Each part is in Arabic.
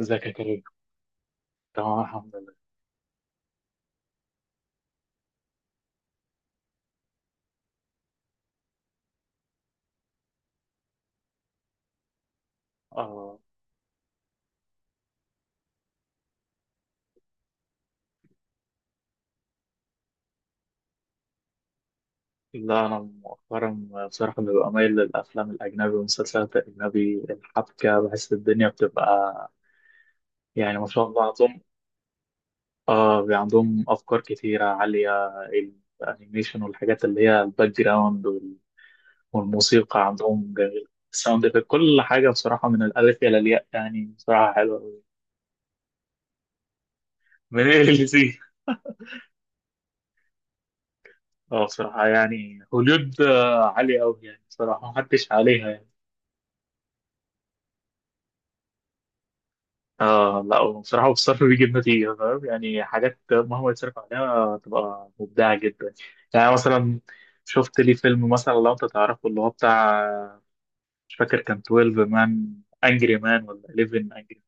ازيك يا كريم؟ تمام الحمد لله. آه لا، أنا مؤخرا بصراحة ببقى مايل للأفلام الأجنبي والمسلسلات الأجنبي، الحبكة بحس الدنيا بتبقى يعني ما شاء الله عندهم. آه، عندهم أفكار كتيرة عالية، الأنيميشن والحاجات اللي هي الباك جراوند والموسيقى عندهم جميلة. الساوند إفكت، كل حاجة بصراحة من الألف إلى الياء، يعني بصراحة حلوة أوي. من ايه اللي زي؟ اه بصراحة، يعني هوليود عالية أوي، يعني بصراحة محدش عليها يعني. اه لا، هو بصراحة الصرف بيجيب نتيجة، فاهم؟ يعني حاجات مهما يتصرف عليها تبقى مبدعة جدا. يعني مثلا شفت لي فيلم مثلا، لو انت تعرفه اللي هو بتاع، مش فاكر، كان 12 مان انجري مان ولا 11 انجري؟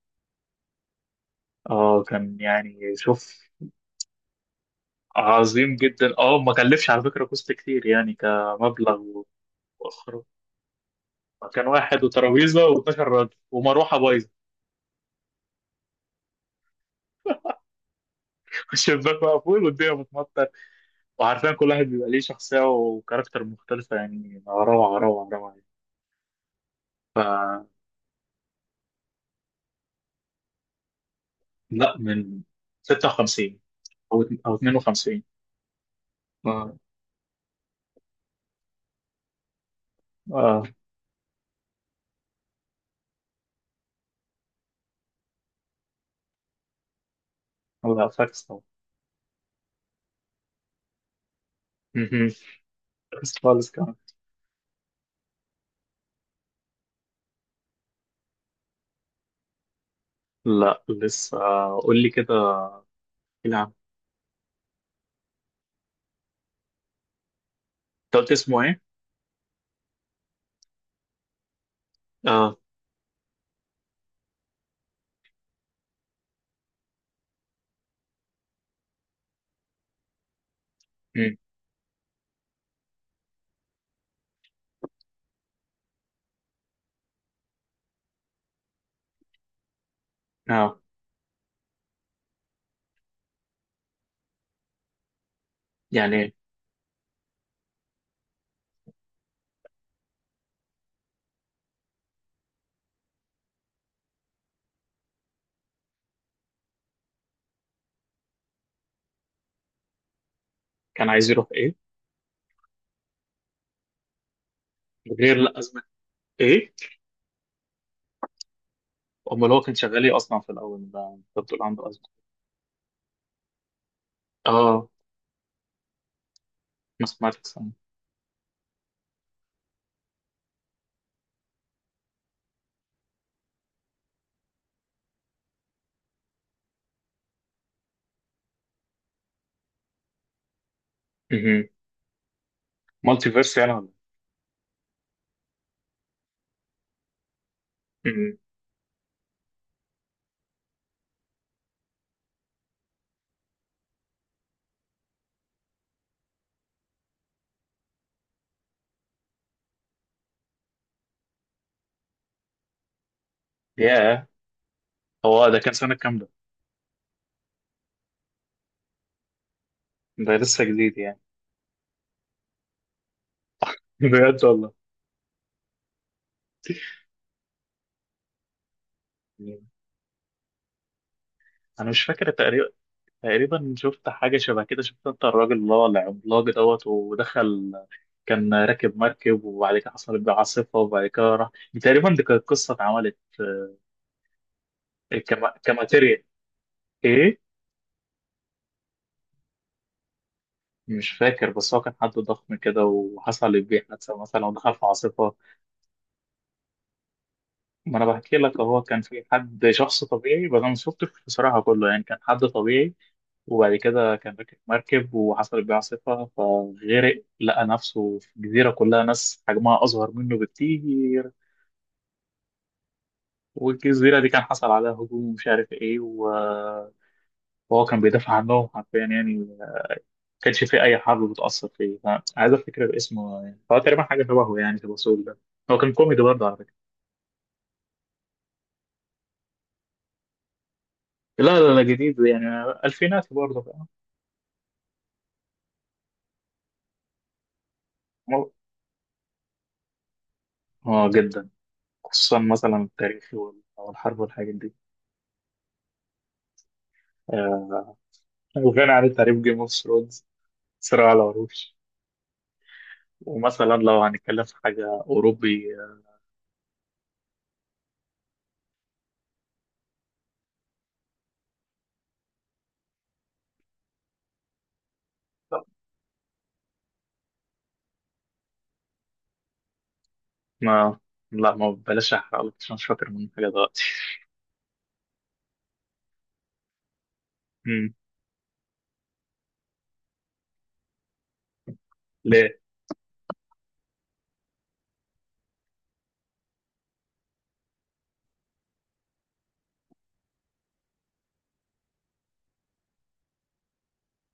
اه كان يعني شوف عظيم جدا. اه ما كلفش على فكرة كوست كتير، يعني كمبلغ وإخراج. كان واحد وترابيزة و12 راجل ومروحة بايظة، والشباك مقفول والدنيا بتمطر، وعارفين كل واحد بيبقى ليه شخصية وكاركتر مختلفة، يعني روعة، روعة، روعة يعني. لا، من 56 أو 52. آه، آه، لا فاكس طبعا. مهم. فاكس خالص كمان. لا لسه، قول لي كده. نعم. أنت قلت اسمه إيه؟ آه. مم. آه. يعني كان عايز يروح إيه؟ غير، لا، أزمة إيه؟ أمال هو كان شغال إيه أصلا في الأول ده؟ أنت بتقول عنده أزمة. آه. ماثماتكس. مالتي فيرس يعني ولا إيه؟ مهم. ياه. هو ده كان سنة كام ده؟ ده لسه جديد يعني. بجد والله. انا مش فاكر، تقريبا تقريبا شفت حاجه شبه كده. شفت، انت الراجل اللي هو العملاق دوت ودخل، كان راكب مركب وبعد كده حصلت بيه عاصفه وبعد كده راح، تقريبا دي كانت قصه اتعملت. آه، كماتيريال. ايه. مش فاكر، بس هو كان حد ضخم كده وحصل بيه حادثه مثلا ودخل في عاصفه. ما انا بحكي لك، هو كان في حد شخص طبيعي، بس انا ما شفتش بصراحه كله يعني، كان حد طبيعي وبعد كده كان راكب مركب وحصلت بيه عاصفه فغرق، لقى نفسه في جزيره كلها ناس حجمها اصغر منه بكتير. والجزيره دي كان حصل عليها هجوم ومش عارف ايه، وهو كان بيدافع عنهم حرفيا، يعني ما كانش في اي حرب بتاثر فيه، فعايز افتكر اسمه يعني. فهو تقريبا حاجه شبهه يعني في الوصول ده. هو كان كوميدي برضه على فكره. لا، لا، لا، جديد يعني، الفينات برضه. اه جدا، خصوصا مثلا التاريخ أو الحرب والحاجات دي. آه، وغني عن التعريف، جيم اوف ثرونز، صراع العروش. ومثلا لو هنتكلم في حاجة أوروبي آه، ما لا، ما بلاش أحرقلك عشان مش فاكر من حاجة دلوقتي. مم. ليه؟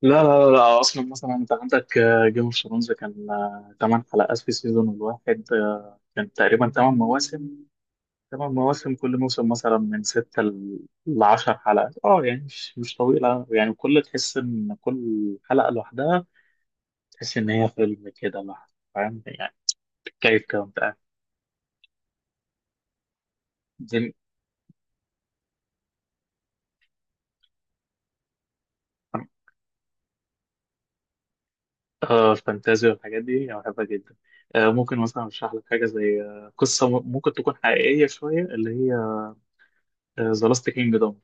لا، لا، لا، لا، أصلا مثلا أنت عندك جيم اوف ثرونز، كان تمن حلقات في سيزون الواحد، كان تقريبا تمن مواسم. تمن مواسم، كل موسم مثلا من ستة لعشر حلقات، اه يعني مش طويلة، يعني تحس إن كل حلقة لوحدها، تحس إن هي فيلم كده لحظة، فاهم يعني؟ بتتكيف كده وأنت قاعد. دي ال- آه الفانتازيا والحاجات دي أنا بحبها جدا. ممكن مثلا أشرح لك حاجة زي قصة ممكن تكون حقيقية شوية، اللي هي ذا لاست كينجدوم.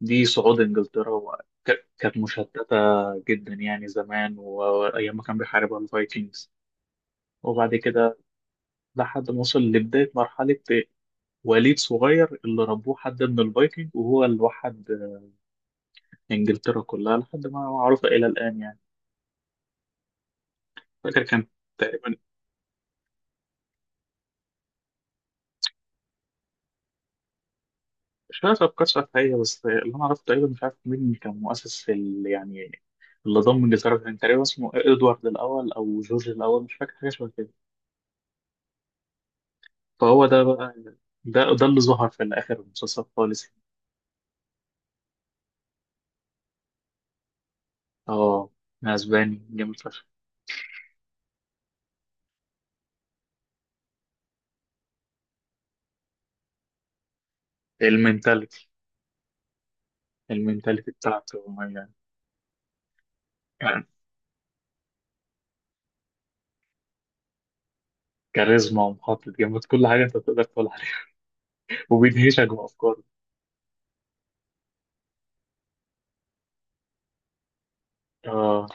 دي صعود إنجلترا، كانت مشتتة جدا يعني زمان وأيام ما كان بيحاربها الفايكنجز، وبعد كده لحد ما وصل لبداية مرحلة وليد صغير اللي ربوه حد من الفايكنج، وهو اللي وحد إنجلترا كلها لحد ما معروفة إلى الآن يعني. فاكر كان تقريبا مش فاكر أفكار شافعية، بس اللي أنا عرفته تقريبا مش عارف مين كان مؤسس يعني اللي ضم إنجلترا، كان تقريبا اسمه إدوارد الأول أو جورج الأول، مش فاكر حاجة شبه كده. فهو ده بقى، ده اللي ظهر في الآخر المسلسل خالص. اه أسباني جامد فشخ. المنتاليتي. المنتاليتي بتاعته يعني، يعني كاريزما ومحطة جامد، كل حاجة أنت تقدر تقول عليها، وبيدهشك بأفكاره. اه،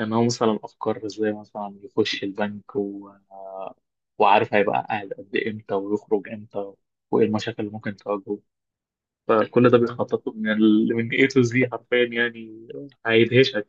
ان هو مثلا افكار زي مثلا يخش البنك، وعارف هيبقى قاعد قد إيه، امتى ويخرج امتى، وايه المشاكل اللي ممكن تواجهه، فكل ده بيخطط له من من A to Z حرفيا يعني، هيدهشك.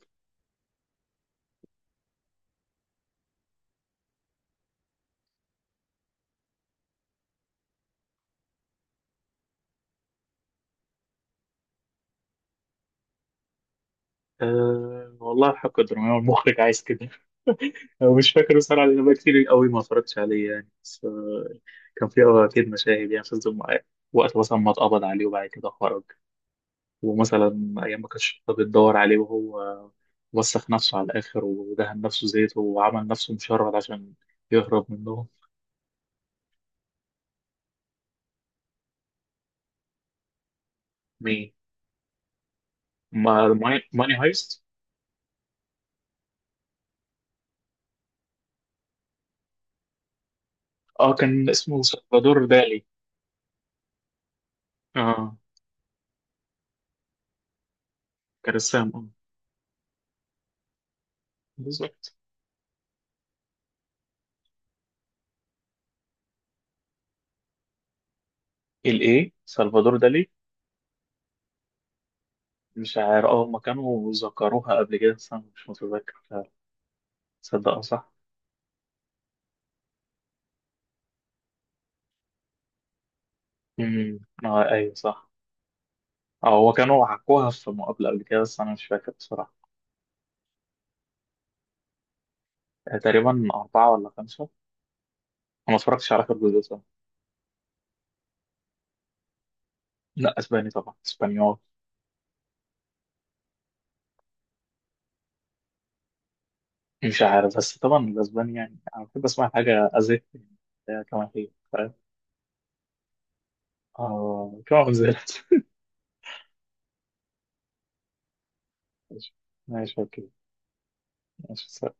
أه والله حق الدراما المخرج عايز كده. أنا مش فاكر بصراحة، لأن بقى كتير قوي ما اتفرجتش عليه يعني، بس كان في أكيد مشاهد، يعني شفت وقت مثلا ما اتقبض عليه وبعد كده خرج، ومثلا أيام ما كانتش الشرطه بتدور عليه وهو وسخ نفسه على الآخر ودهن نفسه زيت وعمل نفسه مشرد عشان يهرب منهم. مين؟ ما ماني ماني هايست؟ اه، كان اسمه سلفادور دالي. اه، كرسام اه. بالظبط. الايه سلفادور دالي. مش عارف، اه هما كانوا ذكروها قبل كده بس انا مش متذكر، تصدق، اه صح. امم. اه ايوه صح. اه، هو كانوا حكوها في مقابلة قبل كده بس انا مش فاكر بصراحة. آه، تقريبا أربعة ولا خمسة، أنا ما اتفرجتش على آخر جزء. لا، اسباني طبعا، اسبانيول. مش عارف، بس طبعا الاسباني يعني انا بحب اسمع حاجه ازيك كما هي فاهم. اه كما انزلت. ماشي. ماشي اوكي. ماشي.